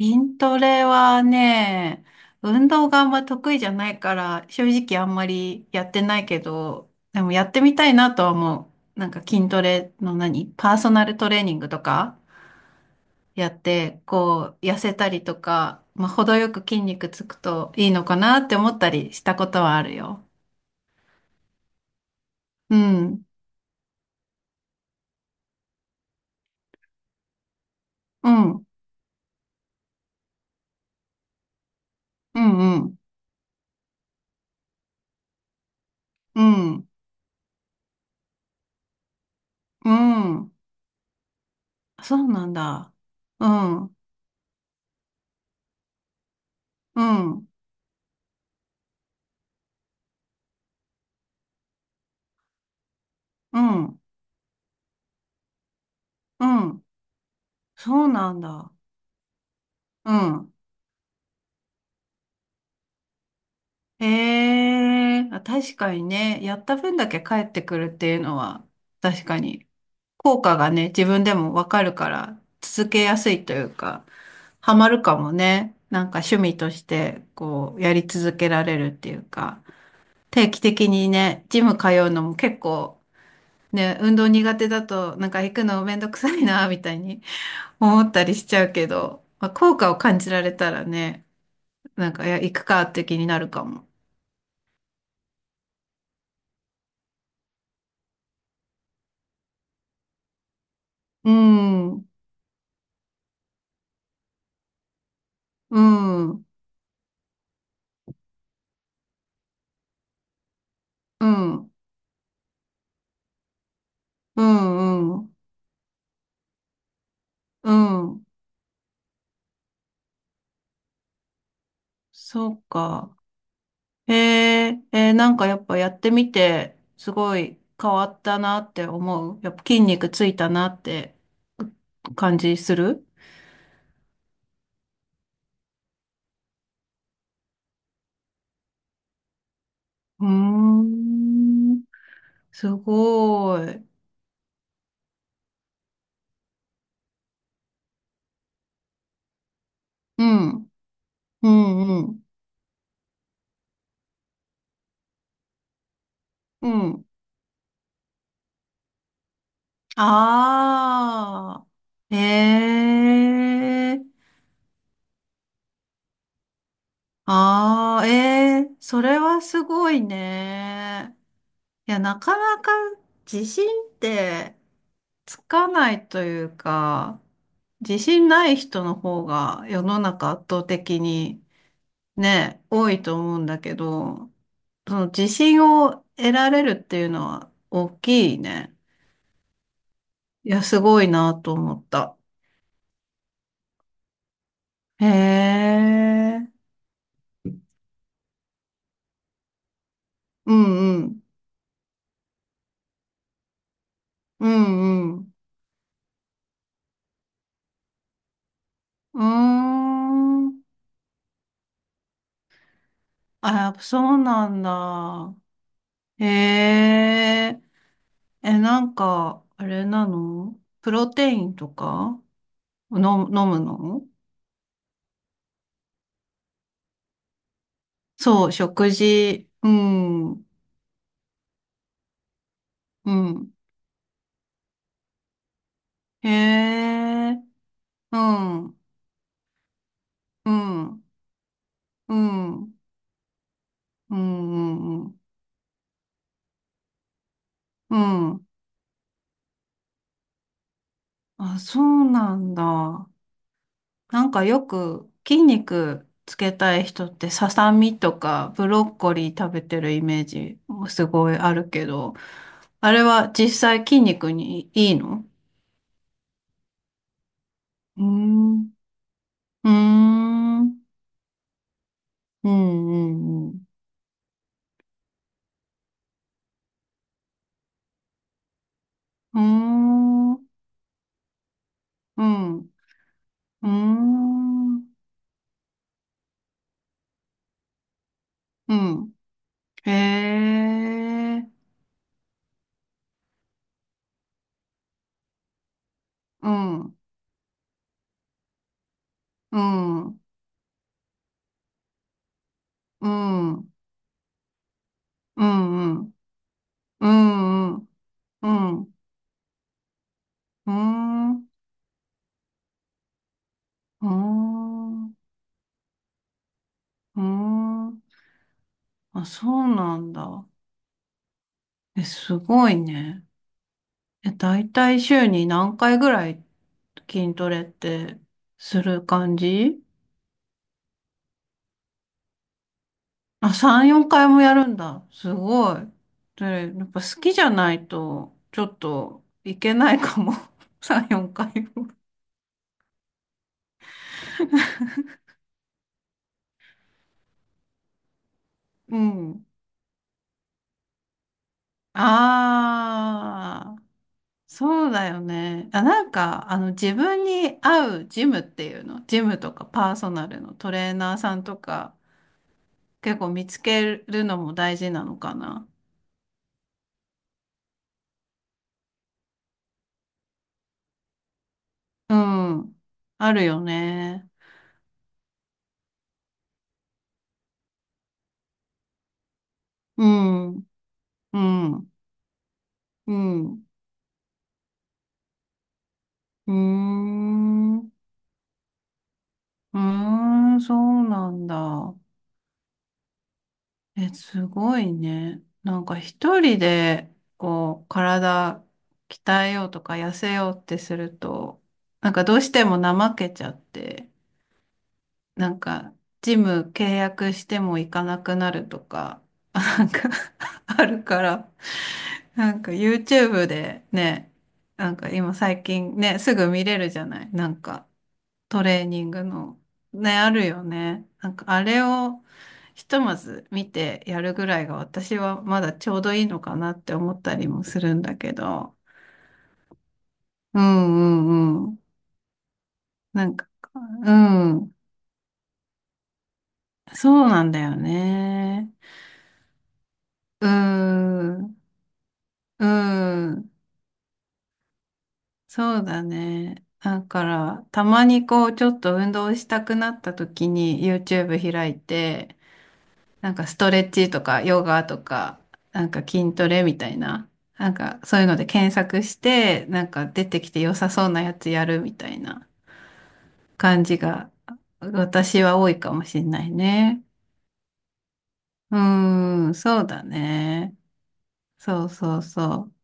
筋トレはね、運動があんま得意じゃないから、正直あんまりやってないけど、でもやってみたいなとは思う。なんか筋トレのパーソナルトレーニングとかやって、こう、痩せたりとか、まあ、程よく筋肉つくといいのかなって思ったりしたことはあるよ。うん、うん、うん、うん、うん、うん。そうなんだ。うん、うん、うん、うん。そうなんだ。うん。え確かにね、やった分だけ返ってくるっていうのは、確かに、効果がね、自分でもわかるから、続けやすいというか、ハマるかもね。なんか趣味として、こう、やり続けられるっていうか、定期的にね、ジム通うのも結構、ね、運動苦手だと、なんか行くのめんどくさいな、みたいに 思ったりしちゃうけど、まあ、効果を感じられたらね、なんか、いや、行くかって気になるかも。うん。うん、うん、うん、うん、うん。そうか。へえ、えーなんかやっぱやってみて、すごい変わったなって思う。やっぱ筋肉ついたなって感じする。うーん、すごい。うん、うん、うん、うん。ああ、ええ、ああ、ええ、それはすごいね。いや、なかなか自信ってつかないというか、自信ない人の方が世の中圧倒的にね、多いと思うんだけど、その自信を得られるっていうのは大きいね。いや、すごいなと思った。へえ。うんうん。うんうん。うーん。あ、やっぱそうなんだ。へえ。え、なんか、あれなのプロテインとかの、飲むの。そう、食事。うん、うん。へえ、うん、うん、うん、うん、うん、うん。うん、あ、そうなんだ。なんかよく筋肉つけたい人ってささみとかブロッコリー食べてるイメージすごいあるけど、あれは実際筋肉にいいの？うーん、うーん、うん、うん、うん。うーん、うん、うーん、うん。へえ、うん、うん、うん、うん、うん、うん、うん、うん、うん、うん、うん。あ、そうなんだ。え、すごいね。え、だいたい週に何回ぐらい筋トレってする感じ？あ、3、4回もやるんだ。すごい。で、やっぱ好きじゃないと、ちょっといけないかも。3、4回も。うん。ああ、そうだよね。あ、なんか、あの、自分に合うジムっていうの、ジムとかパーソナルのトレーナーさんとか、結構見つけるのも大事なのかな。うん。あるよね。うん。うん。うん。うーん。うーん、そうなんだ。え、すごいね。なんか一人で、こう、体鍛えようとか痩せようってすると、なんかどうしても怠けちゃって、なんか、ジム契約しても行かなくなるとか、なんか あるから、なんか YouTube でね、なんか今最近ね、すぐ見れるじゃない。なんか、トレーニングの、ね、あるよね。なんかあれをひとまず見てやるぐらいが私はまだちょうどいいのかなって思ったりもするんだけど。うんうんうん。なんか、うん。そうなんだよね。うん。うん。そうだね。だから、たまにこう、ちょっと運動したくなった時に YouTube 開いて、なんかストレッチとかヨガとか、なんか筋トレみたいな、なんかそういうので検索して、なんか出てきて良さそうなやつやるみたいな感じが私は多いかもしれないね。うーん、そうだね。そうそうそう。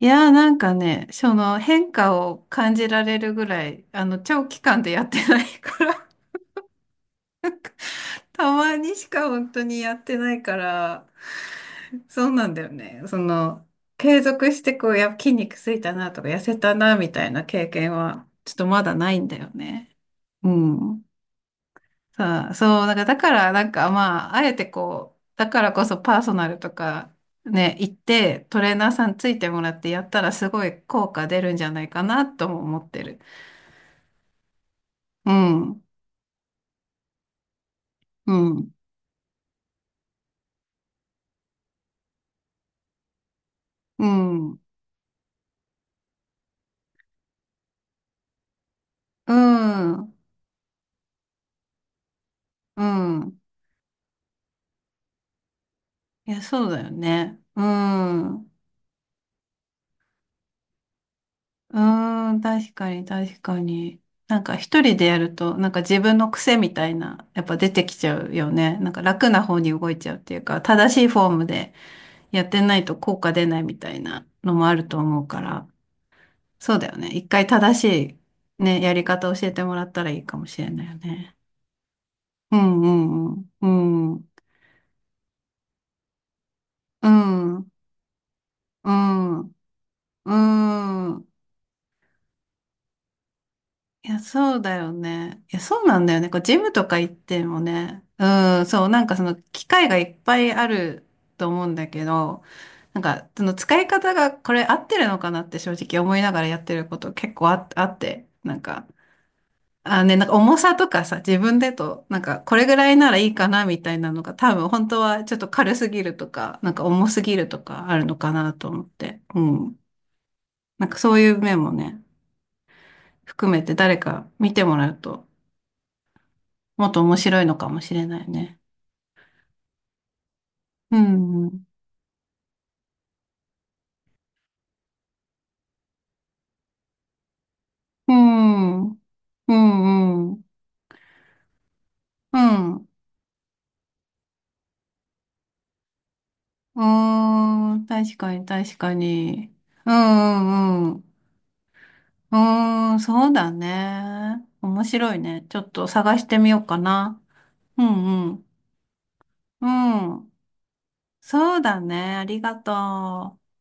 いやーなんかね、その変化を感じられるぐらい、あの長期間でやってないから、たまにしか本当にやってないから、そうなんだよね。その、継続してこう、筋肉ついたなとか、痩せたなみたいな経験は、ちょっとまだないんだよね。うん。さあ、そう、なんか、だから、なんか、まあ、あえてこう、だからこそパーソナルとか、ね、行って、トレーナーさんついてもらってやったら、すごい効果出るんじゃないかな、とも思ってる。うん、うん、うん、うん、うん。いや、そうだよね。うん。うーん、確かに、確かに。なんか一人でやると、なんか自分の癖みたいな、やっぱ出てきちゃうよね。なんか楽な方に動いちゃうっていうか、正しいフォームでやってないと効果出ないみたいなのもあると思うから、そうだよね。一回正しいね、やり方教えてもらったらいいかもしれないよね。うん、うん、うん、うん、うん、うん、うん。いや、そうだよね。いや、そうなんだよね。こう、ジムとか行ってもね。うん、そう、なんかその機械がいっぱいあると思うんだけど、なんか、その使い方がこれ合ってるのかなって正直思いながらやってること結構あって、なんか、あね、なんか重さとかさ、自分でと、なんかこれぐらいならいいかなみたいなのが多分本当はちょっと軽すぎるとか、なんか重すぎるとかあるのかなと思って。うん。なんかそういう面もね、含めて誰か見てもらうと、もっと面白いのかもしれないね。うん、うん、うん、うん、うん、うん、うん、確かに、確かに。うん、うん、うん、うーん、そうだね。面白いね。ちょっと探してみようかな。うん、うん、うん。そうだね。ありがとう。